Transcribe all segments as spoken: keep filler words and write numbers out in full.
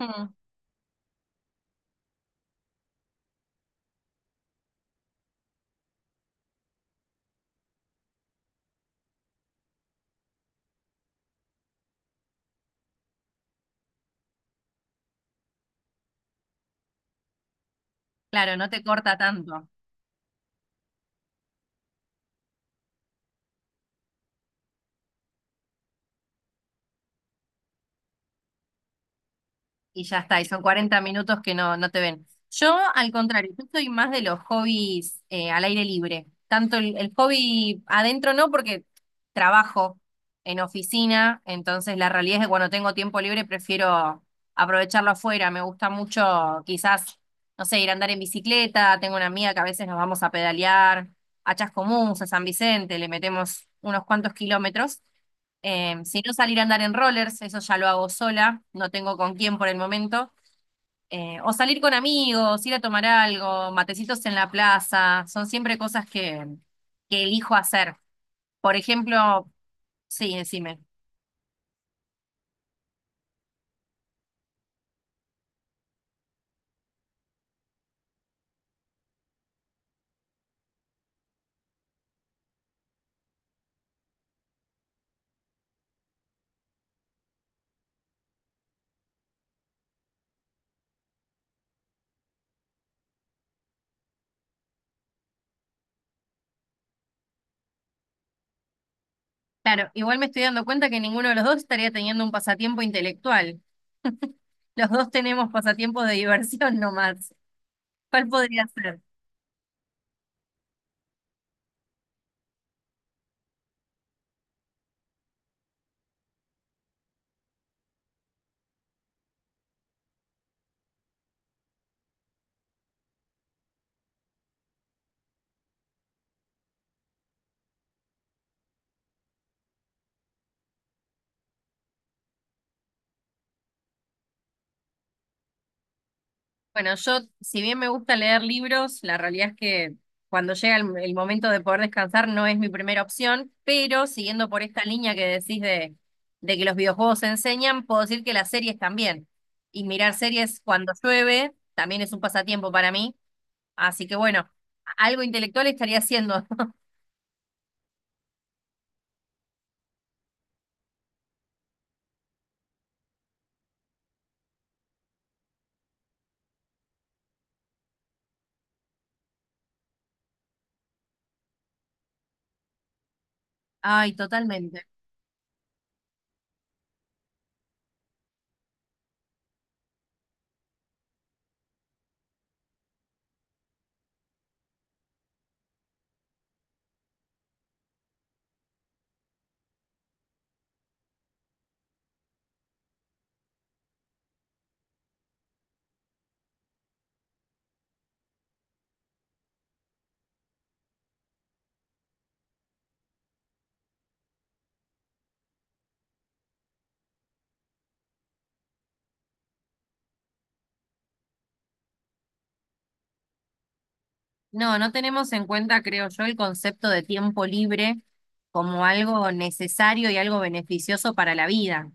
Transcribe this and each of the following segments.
Mm. Claro, no te corta tanto y ya está, y son cuarenta minutos que no, no te ven. Yo, al contrario, yo soy más de los hobbies eh, al aire libre. Tanto el, el hobby adentro no, porque trabajo en oficina, entonces la realidad es que cuando tengo tiempo libre prefiero aprovecharlo afuera. Me gusta mucho quizás, no sé, ir a andar en bicicleta. Tengo una amiga que a veces nos vamos a pedalear a Chascomús, a San Vicente, le metemos unos cuantos kilómetros. Eh, si no, salir a andar en rollers, eso ya lo hago sola, no tengo con quién por el momento. Eh, o salir con amigos, ir a tomar algo, matecitos en la plaza, son siempre cosas que, que elijo hacer. Por ejemplo, sí, decime. Claro, igual me estoy dando cuenta que ninguno de los dos estaría teniendo un pasatiempo intelectual. Los dos tenemos pasatiempos de diversión nomás. ¿Cuál podría ser? Bueno, yo, si bien me gusta leer libros, la realidad es que cuando llega el, el momento de poder descansar no es mi primera opción, pero siguiendo por esta línea que decís de, de que los videojuegos enseñan, puedo decir que las series también. Y mirar series cuando llueve también es un pasatiempo para mí. Así que bueno, algo intelectual estaría haciendo. Ay, totalmente. No, no tenemos en cuenta, creo yo, el concepto de tiempo libre como algo necesario y algo beneficioso para la vida.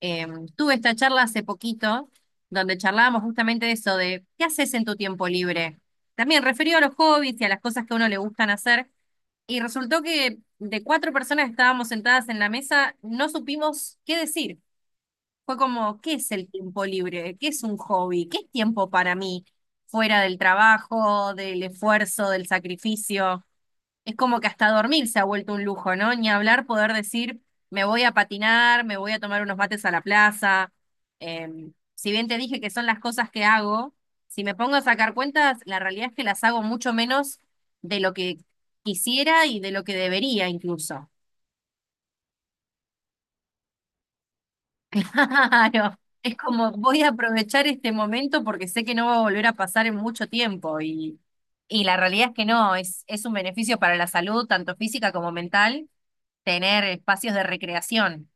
Eh, Tuve esta charla hace poquito, donde charlábamos justamente de eso, de qué haces en tu tiempo libre. También referido a los hobbies y a las cosas que a uno le gustan hacer. Y resultó que de cuatro personas que estábamos sentadas en la mesa, no supimos qué decir. Fue como, ¿qué es el tiempo libre? ¿Qué es un hobby? ¿Qué es tiempo para mí? Fuera del trabajo, del esfuerzo, del sacrificio. Es como que hasta dormir se ha vuelto un lujo, ¿no? Ni hablar poder decir, me voy a patinar, me voy a tomar unos mates a la plaza. Em, si bien te dije que son las cosas que hago, si me pongo a sacar cuentas, la realidad es que las hago mucho menos de lo que quisiera y de lo que debería incluso. Claro, es como voy a aprovechar este momento porque sé que no va a volver a pasar en mucho tiempo y, y la realidad es que no, es, es un beneficio para la salud, tanto física como mental, tener espacios de recreación.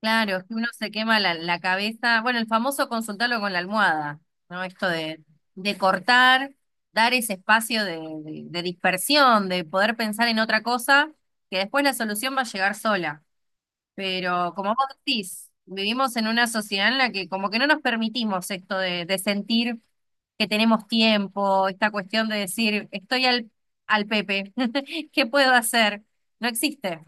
Claro, es que uno se quema la, la cabeza, bueno, el famoso consultarlo con la almohada, ¿no? Esto de, de cortar, dar ese espacio de, de de dispersión, de poder pensar en otra cosa, que después la solución va a llegar sola. Pero como vos decís, vivimos en una sociedad en la que como que no nos permitimos esto de, de, sentir que tenemos tiempo, esta cuestión de decir, estoy al, al Pepe, ¿qué puedo hacer? No existe.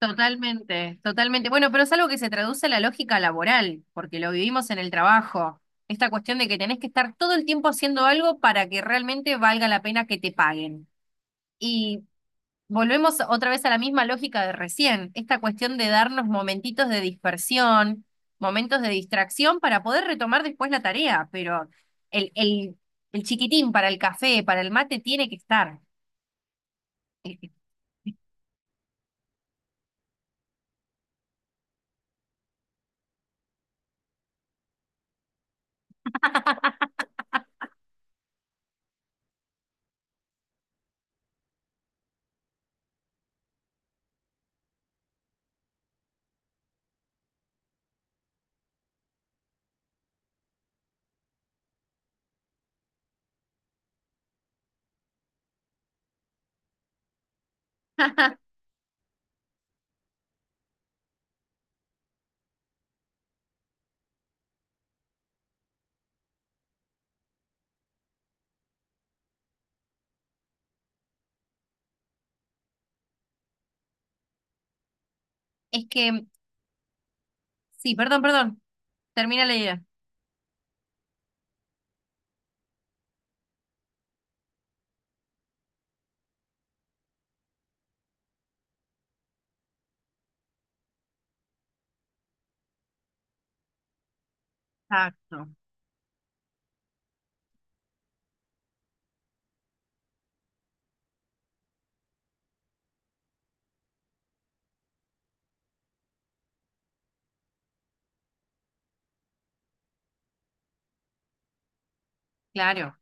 Totalmente, totalmente. Bueno, pero es algo que se traduce a la lógica laboral, porque lo vivimos en el trabajo. Esta cuestión de que tenés que estar todo el tiempo haciendo algo para que realmente valga la pena que te paguen. Y volvemos otra vez a la misma lógica de recién, esta cuestión de darnos momentitos de dispersión, momentos de distracción para poder retomar después la tarea, pero el, el, el chiquitín para el café, para el mate, tiene que estar. Es que, sí, perdón, perdón, termina la idea. Exacto, claro.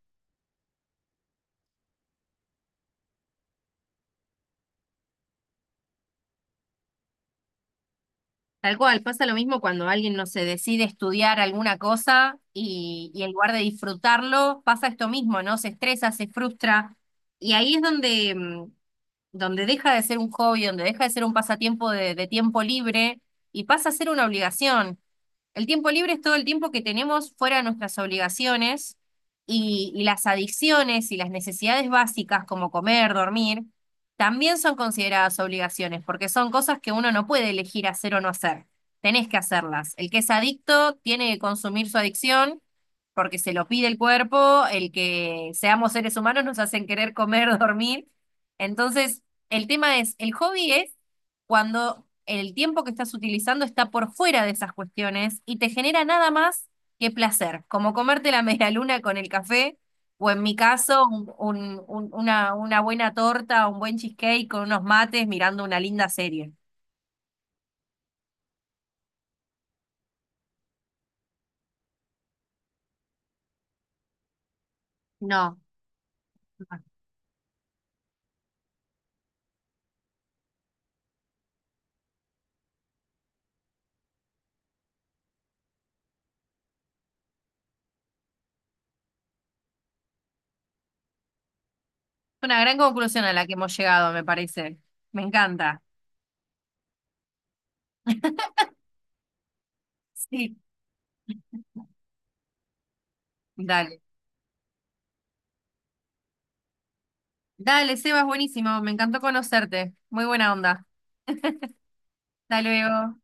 Tal cual, pasa lo mismo cuando alguien no se decide estudiar alguna cosa y, y en lugar de disfrutarlo, pasa esto mismo, ¿no? Se estresa, se frustra. Y ahí es donde mm, donde deja de ser un hobby, donde deja de ser un pasatiempo de, de tiempo libre y pasa a ser una obligación. El tiempo libre es todo el tiempo que tenemos fuera de nuestras obligaciones y, y las adicciones y las necesidades básicas como comer, dormir, también son consideradas obligaciones porque son cosas que uno no puede elegir hacer o no hacer. Tenés que hacerlas. El que es adicto tiene que consumir su adicción porque se lo pide el cuerpo, el que seamos seres humanos nos hacen querer comer, dormir. Entonces, el tema es, el hobby es cuando el tiempo que estás utilizando está por fuera de esas cuestiones y te genera nada más que placer, como comerte la medialuna con el café, o en mi caso, un- un- un- una, una buena torta, un buen cheesecake con unos mates mirando una linda serie. No, es una gran conclusión a la que hemos llegado, me parece. Me encanta. Sí. Dale. Dale, Seba, es buenísimo. Me encantó conocerte. Muy buena onda. Hasta luego.